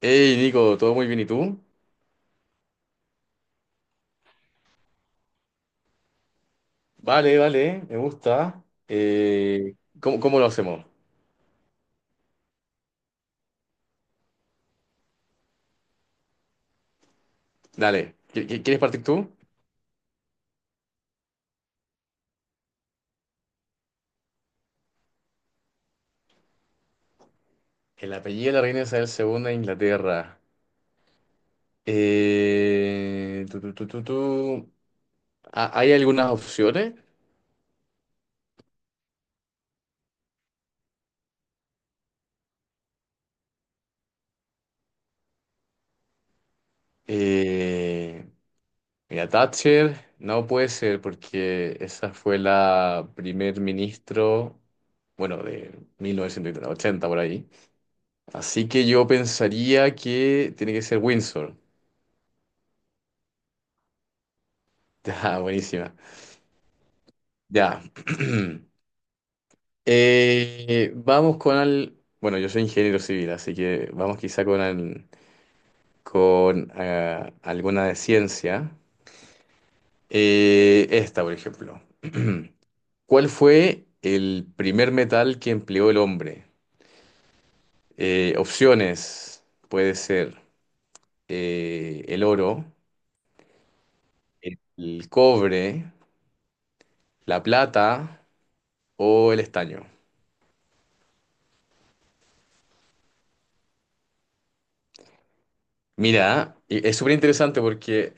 Hey Nico, ¿todo muy bien y tú? Vale, vale, me gusta. Eh, ¿cómo lo hacemos? Dale, ¿quieres partir tú? El apellido de la reina Isabel segunda de Inglaterra. Tu, tu, tu, tu, tu. Ah, ¿hay algunas opciones? Eh, mira, Thatcher no puede ser porque esa fue la primer ministro, bueno, de 1980 por ahí. Así que yo pensaría que tiene que ser Windsor. Ya, buenísima. Ya. Bueno, yo soy ingeniero civil, así que vamos quizá con alguna de ciencia. Esta, por ejemplo. ¿Cuál fue el primer metal que empleó el hombre? Opciones. Puede ser el oro, el cobre, la plata o el estaño. Mira, y es súper interesante porque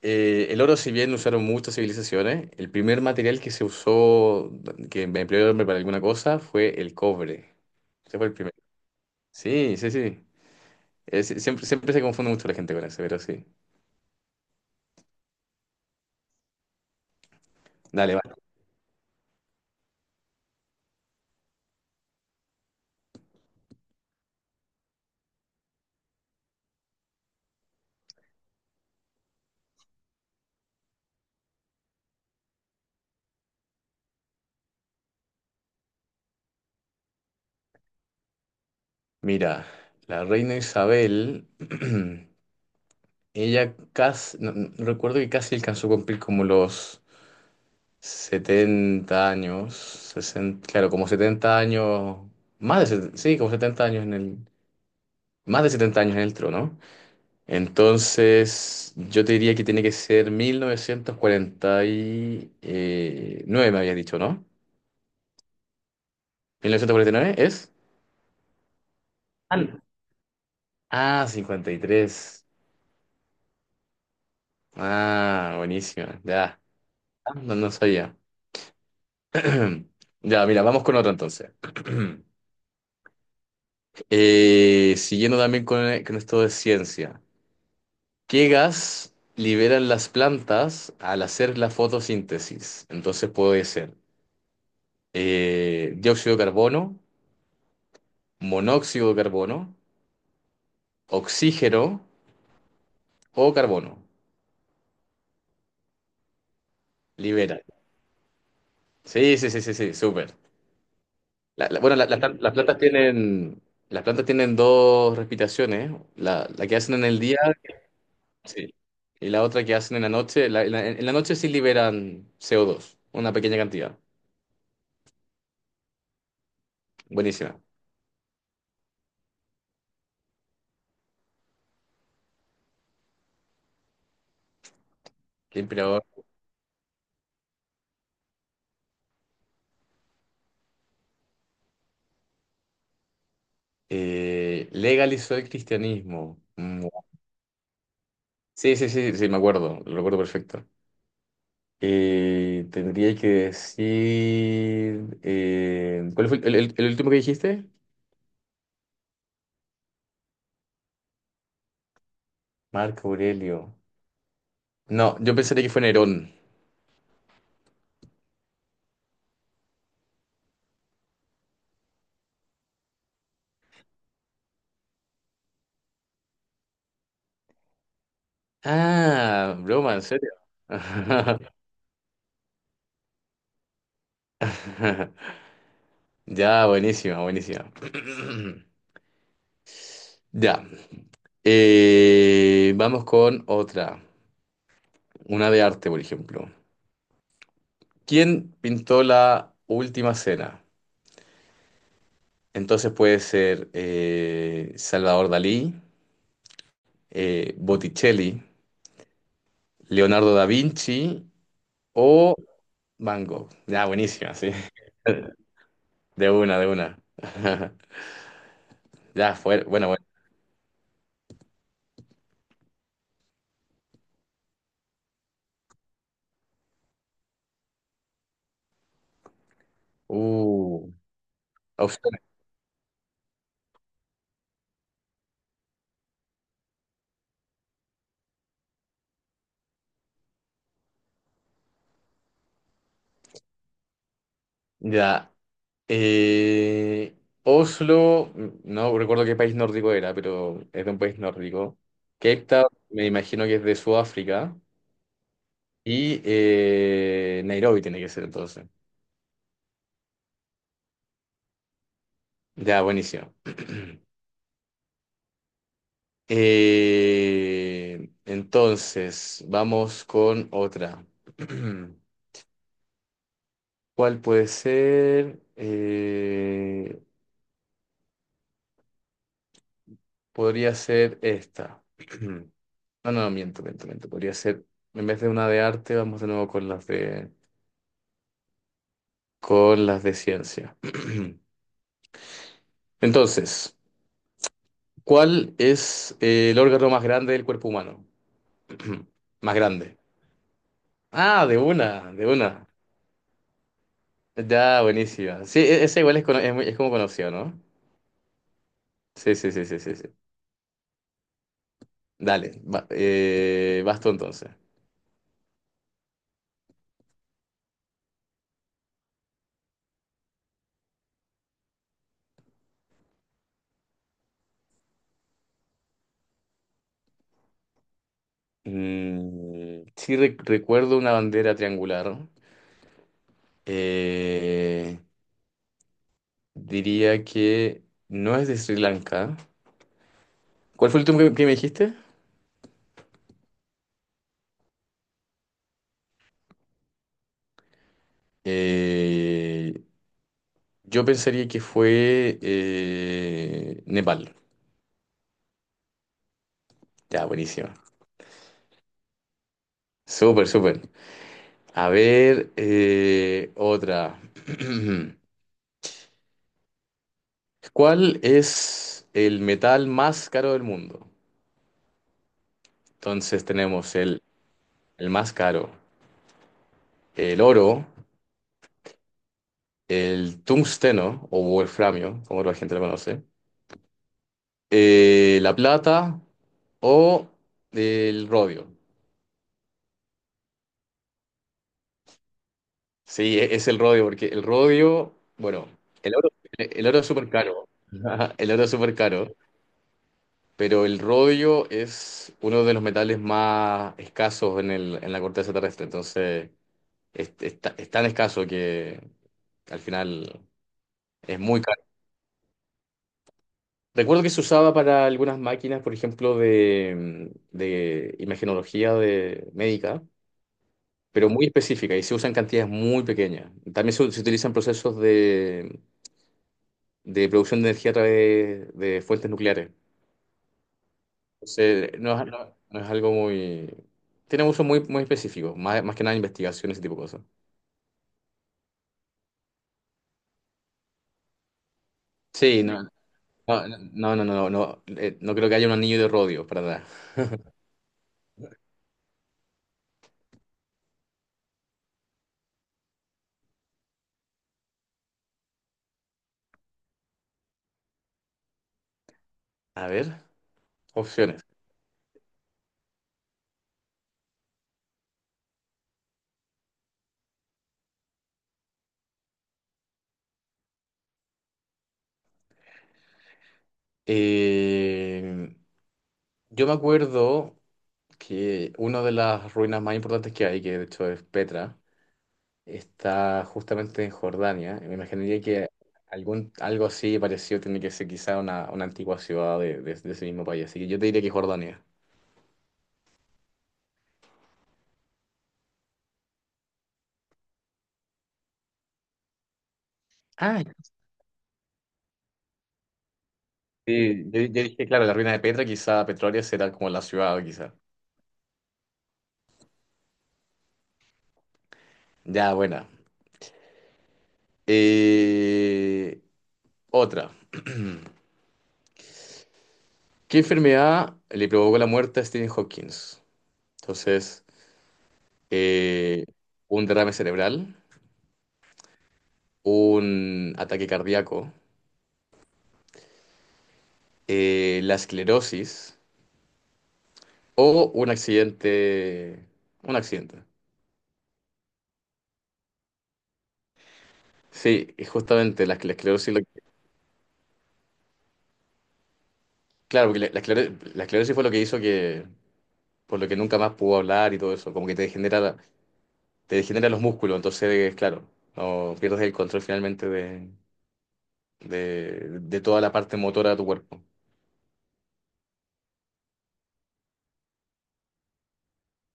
El oro, si bien lo usaron muchas civilizaciones, el primer material que se usó, que empleó el hombre para alguna cosa, fue el cobre. Ese fue el primero. Sí, sí, sí. Siempre, siempre se confunde mucho la gente con eso, pero sí. Dale, va. Mira, la reina Isabel, ella casi, no recuerdo que casi alcanzó a cumplir como los 70 años, 60, claro, como 70 años, más de, 70, sí, como 70 años en el, más de 70 años en el trono. Entonces, yo te diría que tiene que ser 1949 me habías dicho, ¿no? Mil novecientos cuarenta y nueve es? Al- Ah, 53. Ah, buenísima. Ya, no, no sabía. Ya, mira, vamos con otro entonces. Siguiendo también con esto de ciencia. ¿Qué gas liberan las plantas al hacer la fotosíntesis? Entonces puede ser dióxido de carbono, monóxido de carbono, oxígeno o carbono. Libera. Sí, sí, sí, sí, sí, súper. Las plantas tienen, las plantas tienen dos respiraciones. La que hacen en el día, sí, y la otra que hacen en la noche. En la noche sí liberan CO2, una pequeña cantidad. Buenísima. Qué inspirador. Legalizó el cristianismo. Mm. Sí, sí, sí, sí, me acuerdo, lo recuerdo perfecto. Tendría que decir, ¿cuál fue el último que dijiste? Marco Aurelio. No, yo pensaría que fue Nerón. Ah, broma, ¿en serio? Ya, buenísima, buenísima. Ya. Vamos con otra. Una de arte, por ejemplo. ¿Quién pintó la última cena? Entonces puede ser Salvador Dalí, Botticelli, Leonardo da Vinci o Van Gogh. Ya, buenísima, sí. De una, de una. Ya, fue, bueno, bueno. Uh, opciones. Ya. Eh, Oslo, no recuerdo qué país nórdico era, pero es de un país nórdico. Cape Town, me imagino que es de Sudáfrica. Y Nairobi tiene que ser entonces. Ya, buenísimo. Entonces, vamos con otra. ¿Cuál puede ser? Podría ser esta. No, no, miento, miento, miento. Podría ser, en vez de una de arte, vamos de nuevo con las de ciencia. Entonces, ¿cuál es el órgano más grande del cuerpo humano? Más grande. Ah, de una, de una. Ya, buenísima. Sí, ese igual es, es como conocido, ¿no? Sí, sí, sí, sí, sí, sí. Dale, vas tú entonces. Mm, sí, recuerdo una bandera triangular. Eh, diría que no es de Sri Lanka. ¿Cuál fue el último que me dijiste? Eh, yo pensaría que fue Nepal. Ya, buenísimo. Súper, súper. A ver, otra. ¿Cuál es el metal más caro del mundo? Entonces tenemos el más caro, el oro. El tungsteno o wolframio, como la gente lo conoce, la plata o el rodio. Sí, es el rodio, porque el rodio, bueno, el oro, el oro es súper caro, el oro es súper caro, pero el rodio es uno de los metales más escasos en en la corteza terrestre, entonces es tan escaso que al final es muy caro. Recuerdo que se usaba para algunas máquinas, por ejemplo, de imagenología de médica, pero muy específica y se usan cantidades muy pequeñas. También se utilizan procesos de producción de energía a través de fuentes nucleares. Entonces, no, es no es algo muy... Tiene un uso muy, muy específico, más, más que nada investigación, ese tipo de cosas. Sí, no, no, no, no, no, no, no, no creo que haya un anillo de rodio para nada. A ver, opciones. Eh, yo me acuerdo... que una de las ruinas más importantes que hay, que de hecho es Petra, está justamente en Jordania. Y me imaginaría que algo así parecido tiene que ser quizá una antigua ciudad de ese mismo país. Así que yo te diría que Jordania. Ah, sí, yo dije, claro, la ruina de Petra, quizá Petrolia será como la ciudad, quizá. Ya, buena. Eh, otra. ¿Qué enfermedad le provocó la muerte a Stephen Hawking? Entonces, eh, un derrame cerebral, un ataque cardíaco, la esclerosis o un accidente. Un accidente. Sí, y justamente la esclerosis. Claro, porque la esclerosis fue lo que hizo que. Por lo que nunca más pudo hablar y todo eso. Como que te degenera, te degenera los músculos. Entonces, claro, no pierdes el control finalmente de toda la parte motora de tu cuerpo.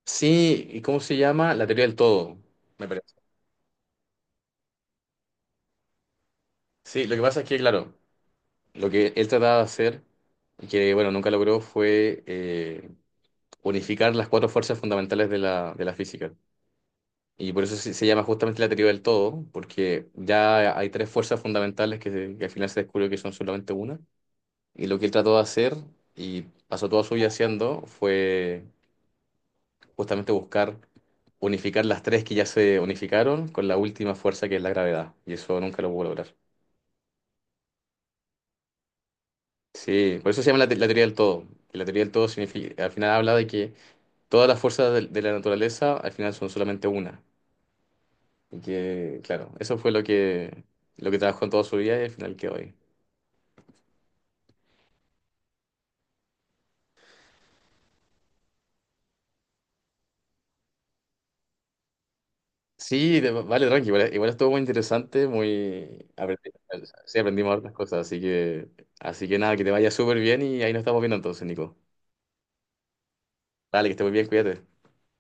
Sí, ¿y cómo se llama? La teoría del todo, me parece. Sí, lo que pasa es que, claro. Lo que él trataba de hacer, y que bueno, nunca logró, fue unificar las cuatro fuerzas fundamentales de la física. Y por eso se llama justamente la teoría del todo, porque ya hay tres fuerzas fundamentales que, que al final se descubrió que son solamente una. Y lo que él trató de hacer, y pasó toda su vida haciendo, fue justamente buscar unificar las tres que ya se unificaron con la última fuerza que es la gravedad. Y eso nunca lo pudo lograr. Sí, por eso se llama la teoría del todo. La teoría del todo significa, al final habla de que todas las fuerzas de la naturaleza al final son solamente una. Y que, claro, eso fue lo que trabajó en toda su vida y al final quedó ahí. Sí, vale, tranqui, igual, igual estuvo muy interesante, muy... sí, aprendimos hartas cosas, así que, nada, que te vaya súper bien y ahí nos estamos viendo entonces, Nico. Dale, que estés muy bien, cuídate.